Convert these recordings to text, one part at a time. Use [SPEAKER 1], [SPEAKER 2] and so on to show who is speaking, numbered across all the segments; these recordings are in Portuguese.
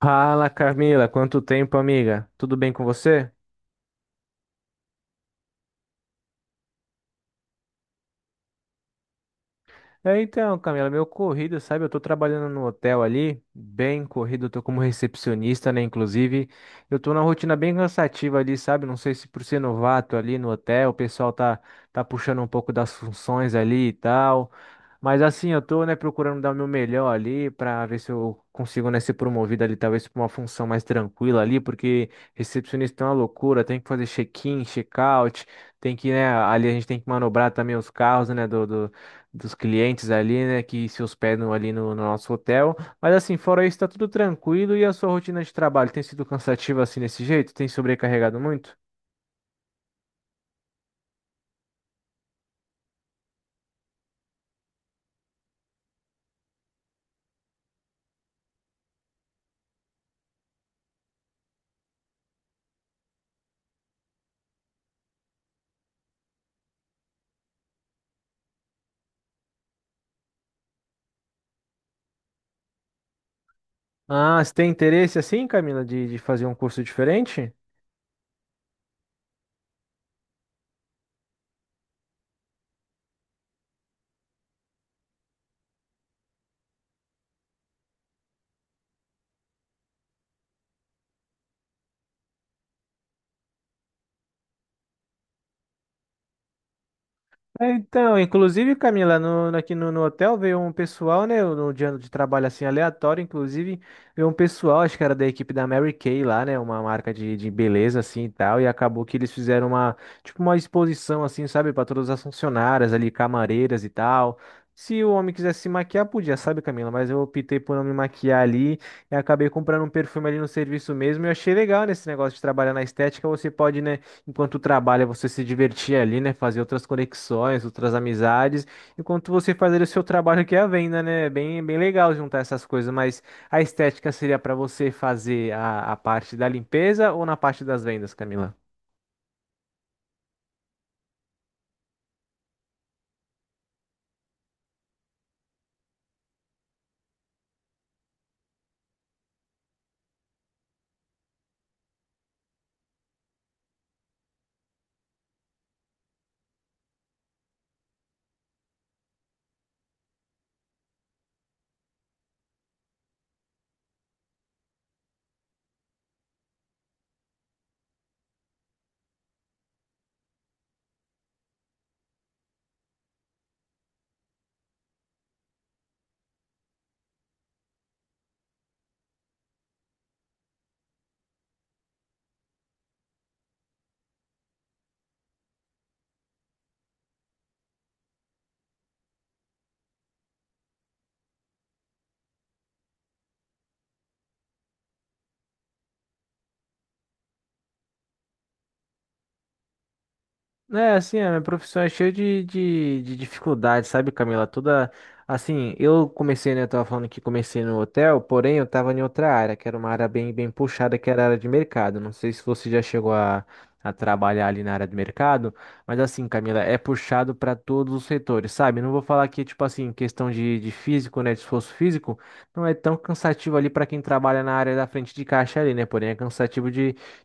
[SPEAKER 1] Fala, Camila, quanto tempo, amiga? Tudo bem com você? Então, Camila, meu corrido, sabe? Eu tô trabalhando no hotel ali, bem corrido, eu tô como recepcionista, né? Inclusive, eu tô numa rotina bem cansativa ali, sabe? Não sei se por ser novato ali no hotel, o pessoal tá puxando um pouco das funções ali e tal. Mas assim, eu tô, né, procurando dar o meu melhor ali pra ver se eu consigo, né, ser promovido ali, talvez pra uma função mais tranquila ali, porque recepcionista é uma loucura, tem que fazer check-in, check-out, tem que, né, ali a gente tem que manobrar também os carros, né, dos clientes ali, né, que se hospedam ali no nosso hotel. Mas assim, fora isso, tá tudo tranquilo e a sua rotina de trabalho tem sido cansativa assim desse jeito? Tem sobrecarregado muito? Ah, você tem interesse assim, Camila, de fazer um curso diferente? Então, inclusive, Camila, aqui no hotel veio um pessoal, né? No dia de trabalho assim aleatório, inclusive, veio um pessoal, acho que era da equipe da Mary Kay lá, né? Uma marca de beleza assim e tal. E acabou que eles fizeram uma, tipo, uma exposição assim, sabe? Para todas as funcionárias ali, camareiras e tal. Se o homem quisesse se maquiar, podia, sabe, Camila? Mas eu optei por não me maquiar ali e acabei comprando um perfume ali no serviço mesmo. E eu achei legal nesse negócio de trabalhar na estética, você pode, né? Enquanto trabalha, você se divertir ali, né? Fazer outras conexões, outras amizades. Enquanto você faz ali o seu trabalho que é a venda, né? É bem, bem legal juntar essas coisas, mas a estética seria para você fazer a parte da limpeza ou na parte das vendas, Camila? É, assim, a minha profissão é cheia de dificuldades, sabe, Camila? Toda, assim, eu comecei, né, eu tava falando que comecei no hotel, porém eu tava em outra área, que era uma área bem, bem puxada, que era a área de mercado. Não sei se você já chegou a trabalhar ali na área de mercado, mas assim, Camila, é puxado para todos os setores, sabe? Não vou falar que, tipo assim, questão de físico, né, de esforço físico, não é tão cansativo ali para quem trabalha na área da frente de caixa ali, né? Porém é cansativo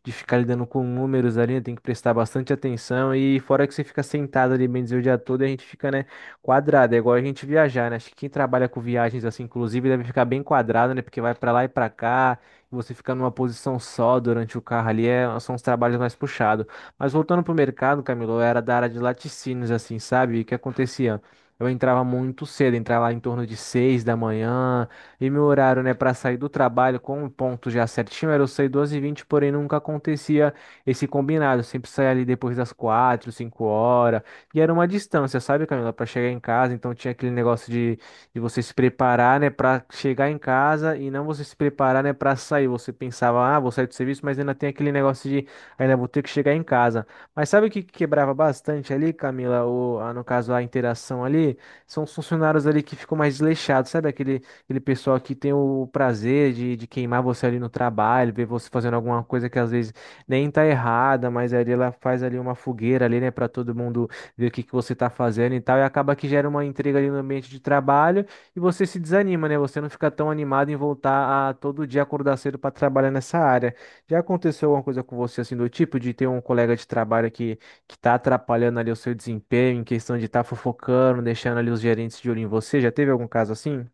[SPEAKER 1] de ficar lidando com números ali, né? Tem que prestar bastante atenção. E fora que você fica sentado ali, bem dizer, o dia todo, e a gente fica, né, quadrado. É igual a gente viajar, né? Acho que quem trabalha com viagens assim, inclusive, deve ficar bem quadrado, né? Porque vai pra lá e pra cá, e você fica numa posição só durante o carro ali, é, são os trabalhos mais puxados. Mas voltando pro mercado, Camilo, eu era da área de laticínios, assim, sabe? E o que acontecia? Eu entrava muito cedo, entrava lá em torno de seis da manhã, e meu horário, né, para sair do trabalho com um ponto já certinho era eu sair doze e vinte, porém nunca acontecia esse combinado. Eu sempre saía ali depois das quatro, 5 horas. E era uma distância, sabe, Camila, para chegar em casa. Então tinha aquele negócio de você se preparar, né, para chegar em casa e não você se preparar, né, para sair. Você pensava, ah, vou sair do serviço, mas ainda tem aquele negócio de ainda vou ter que chegar em casa. Mas sabe o que que quebrava bastante ali, Camila? No caso, a interação ali? São os funcionários ali que ficam mais desleixados, sabe? Aquele pessoal que tem o prazer de queimar você ali no trabalho, ver você fazendo alguma coisa que às vezes nem tá errada, mas ali ela faz ali uma fogueira ali, né, para todo mundo ver o que que você tá fazendo e tal, e acaba que gera uma intriga ali no ambiente de trabalho e você se desanima, né? Você não fica tão animado em voltar a todo dia acordar cedo para trabalhar nessa área. Já aconteceu alguma coisa com você assim do tipo de ter um colega de trabalho que tá atrapalhando ali o seu desempenho em questão de estar fofocando, deixando ali os gerentes de olho em você? Já teve algum caso assim?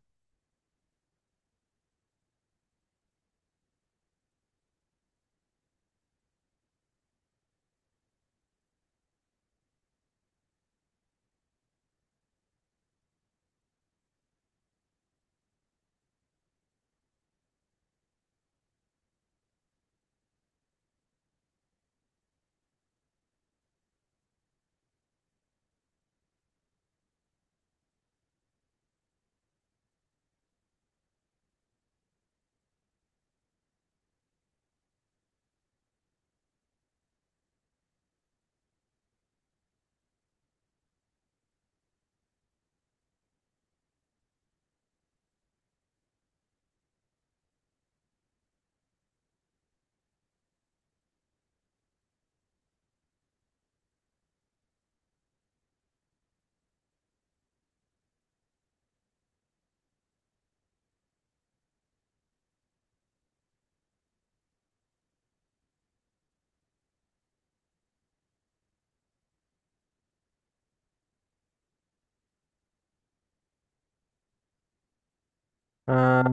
[SPEAKER 1] Ah,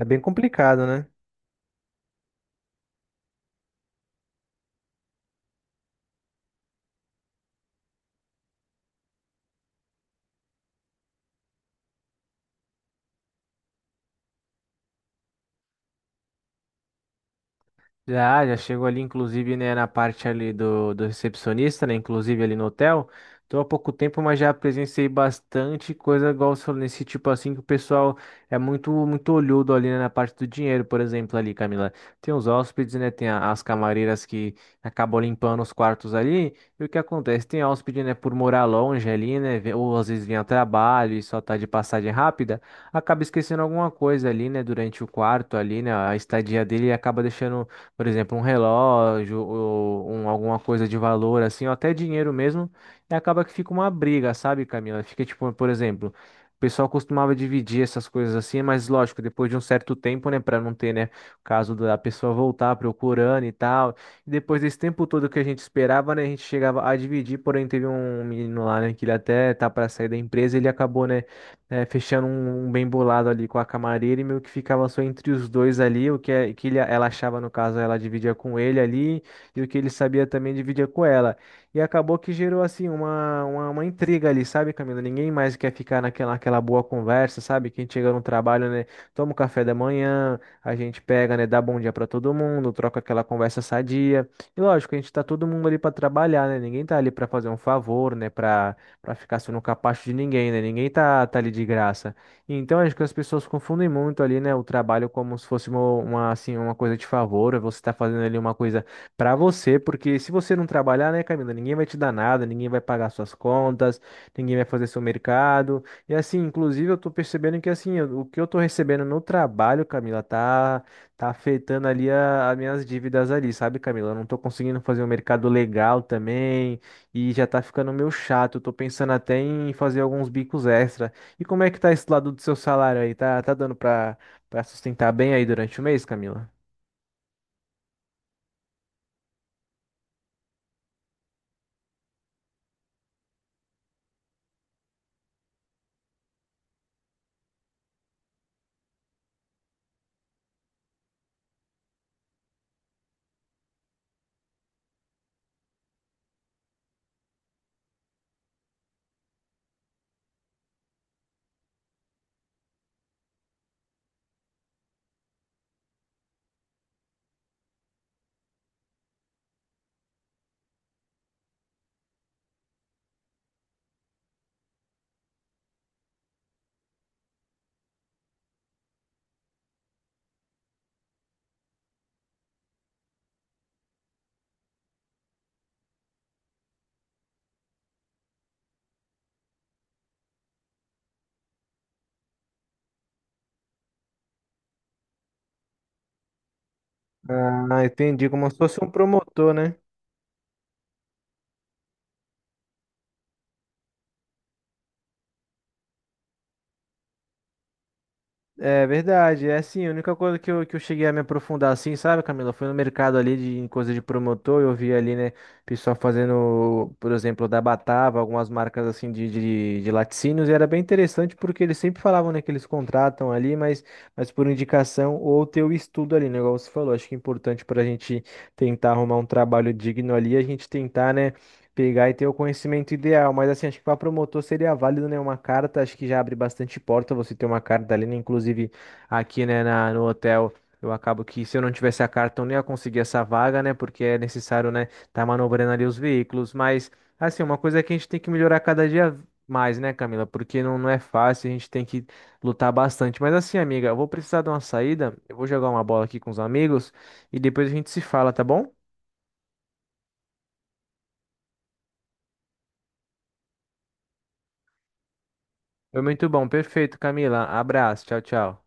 [SPEAKER 1] é bem complicado, né? Já chegou ali, inclusive, né, na parte ali do recepcionista, né, inclusive ali no hotel. Tô há pouco tempo, mas já presenciei bastante coisa igual você falou, nesse tipo assim, que o pessoal é muito olhudo ali, né, na parte do dinheiro, por exemplo, ali, Camila. Tem os hóspedes, né, tem as camareiras que acabam limpando os quartos ali, e o que acontece? Tem hóspede, né, por morar longe ali, né, ou às vezes vem a trabalho e só tá de passagem rápida, acaba esquecendo alguma coisa ali, né, durante o quarto ali, né, a estadia dele, acaba deixando, por exemplo, um relógio ou um, alguma coisa de valor, assim, ou até dinheiro mesmo, e acaba que fica uma briga, sabe, Camila? Fica tipo, por exemplo, o pessoal costumava dividir essas coisas assim, mas lógico, depois de um certo tempo, né, para não ter, né, o caso da pessoa voltar procurando e tal. E depois desse tempo todo que a gente esperava, né, a gente chegava a dividir, porém teve um menino lá, né, que ele até tá para sair da empresa, ele acabou, né, é, fechando um bem bolado ali com a camareira e meio que ficava só entre os dois ali, o que, ela achava, no caso, ela dividia com ele ali, e o que ele sabia também dividia com ela. E acabou que gerou, assim, uma intriga ali, sabe, Camila? Ninguém mais quer ficar naquela boa conversa, sabe? Quem chega no trabalho, né, toma o café da manhã, a gente pega, né, dá bom dia pra todo mundo, troca aquela conversa sadia. E lógico, a gente tá todo mundo ali pra trabalhar, né? Ninguém tá ali pra fazer um favor, né, para ficar só no capacho de ninguém, né? Ninguém tá ali de graça. Então acho que as pessoas confundem muito ali, né, o trabalho como se fosse assim, uma coisa de favor, é você tá fazendo ali uma coisa para você, porque se você não trabalhar, né, Camila, ninguém vai te dar nada, ninguém vai pagar suas contas, ninguém vai fazer seu mercado. E assim, inclusive eu tô percebendo que assim, o que eu tô recebendo no trabalho, Camila, tá afetando ali as minhas dívidas ali, sabe, Camila? Eu não tô conseguindo fazer um mercado legal também. E já tá ficando meio chato. Eu tô pensando até em fazer alguns bicos extra. E como é que tá esse lado do seu salário aí? Tá dando pra sustentar bem aí durante o mês, Camila? Ah, entendi. Como se fosse um promotor, né? É verdade, é assim, a única coisa que eu cheguei a me aprofundar assim, sabe, Camila? Foi no mercado ali de, em coisa de promotor, eu vi ali, né, pessoal fazendo, por exemplo, da Batava, algumas marcas assim de laticínios, e era bem interessante porque eles sempre falavam, né, que eles contratam ali, mas por indicação ou ter o estudo ali, né, igual você falou, acho que é importante para a gente tentar arrumar um trabalho digno ali, a gente tentar, né, pegar e ter o conhecimento ideal, mas assim, acho que para promotor seria válido, né? Uma carta, acho que já abre bastante porta você ter uma carta ali, né? Inclusive aqui, né, no hotel, eu acabo que se eu não tivesse a carta, eu não ia conseguir essa vaga, né? Porque é necessário, né, tá manobrando ali os veículos, mas assim, uma coisa é que a gente tem que melhorar cada dia mais, né, Camila? Porque não é fácil, a gente tem que lutar bastante. Mas assim, amiga, eu vou precisar de uma saída, eu vou jogar uma bola aqui com os amigos e depois a gente se fala, tá bom? Foi muito bom, perfeito, Camila. Abraço, tchau, tchau.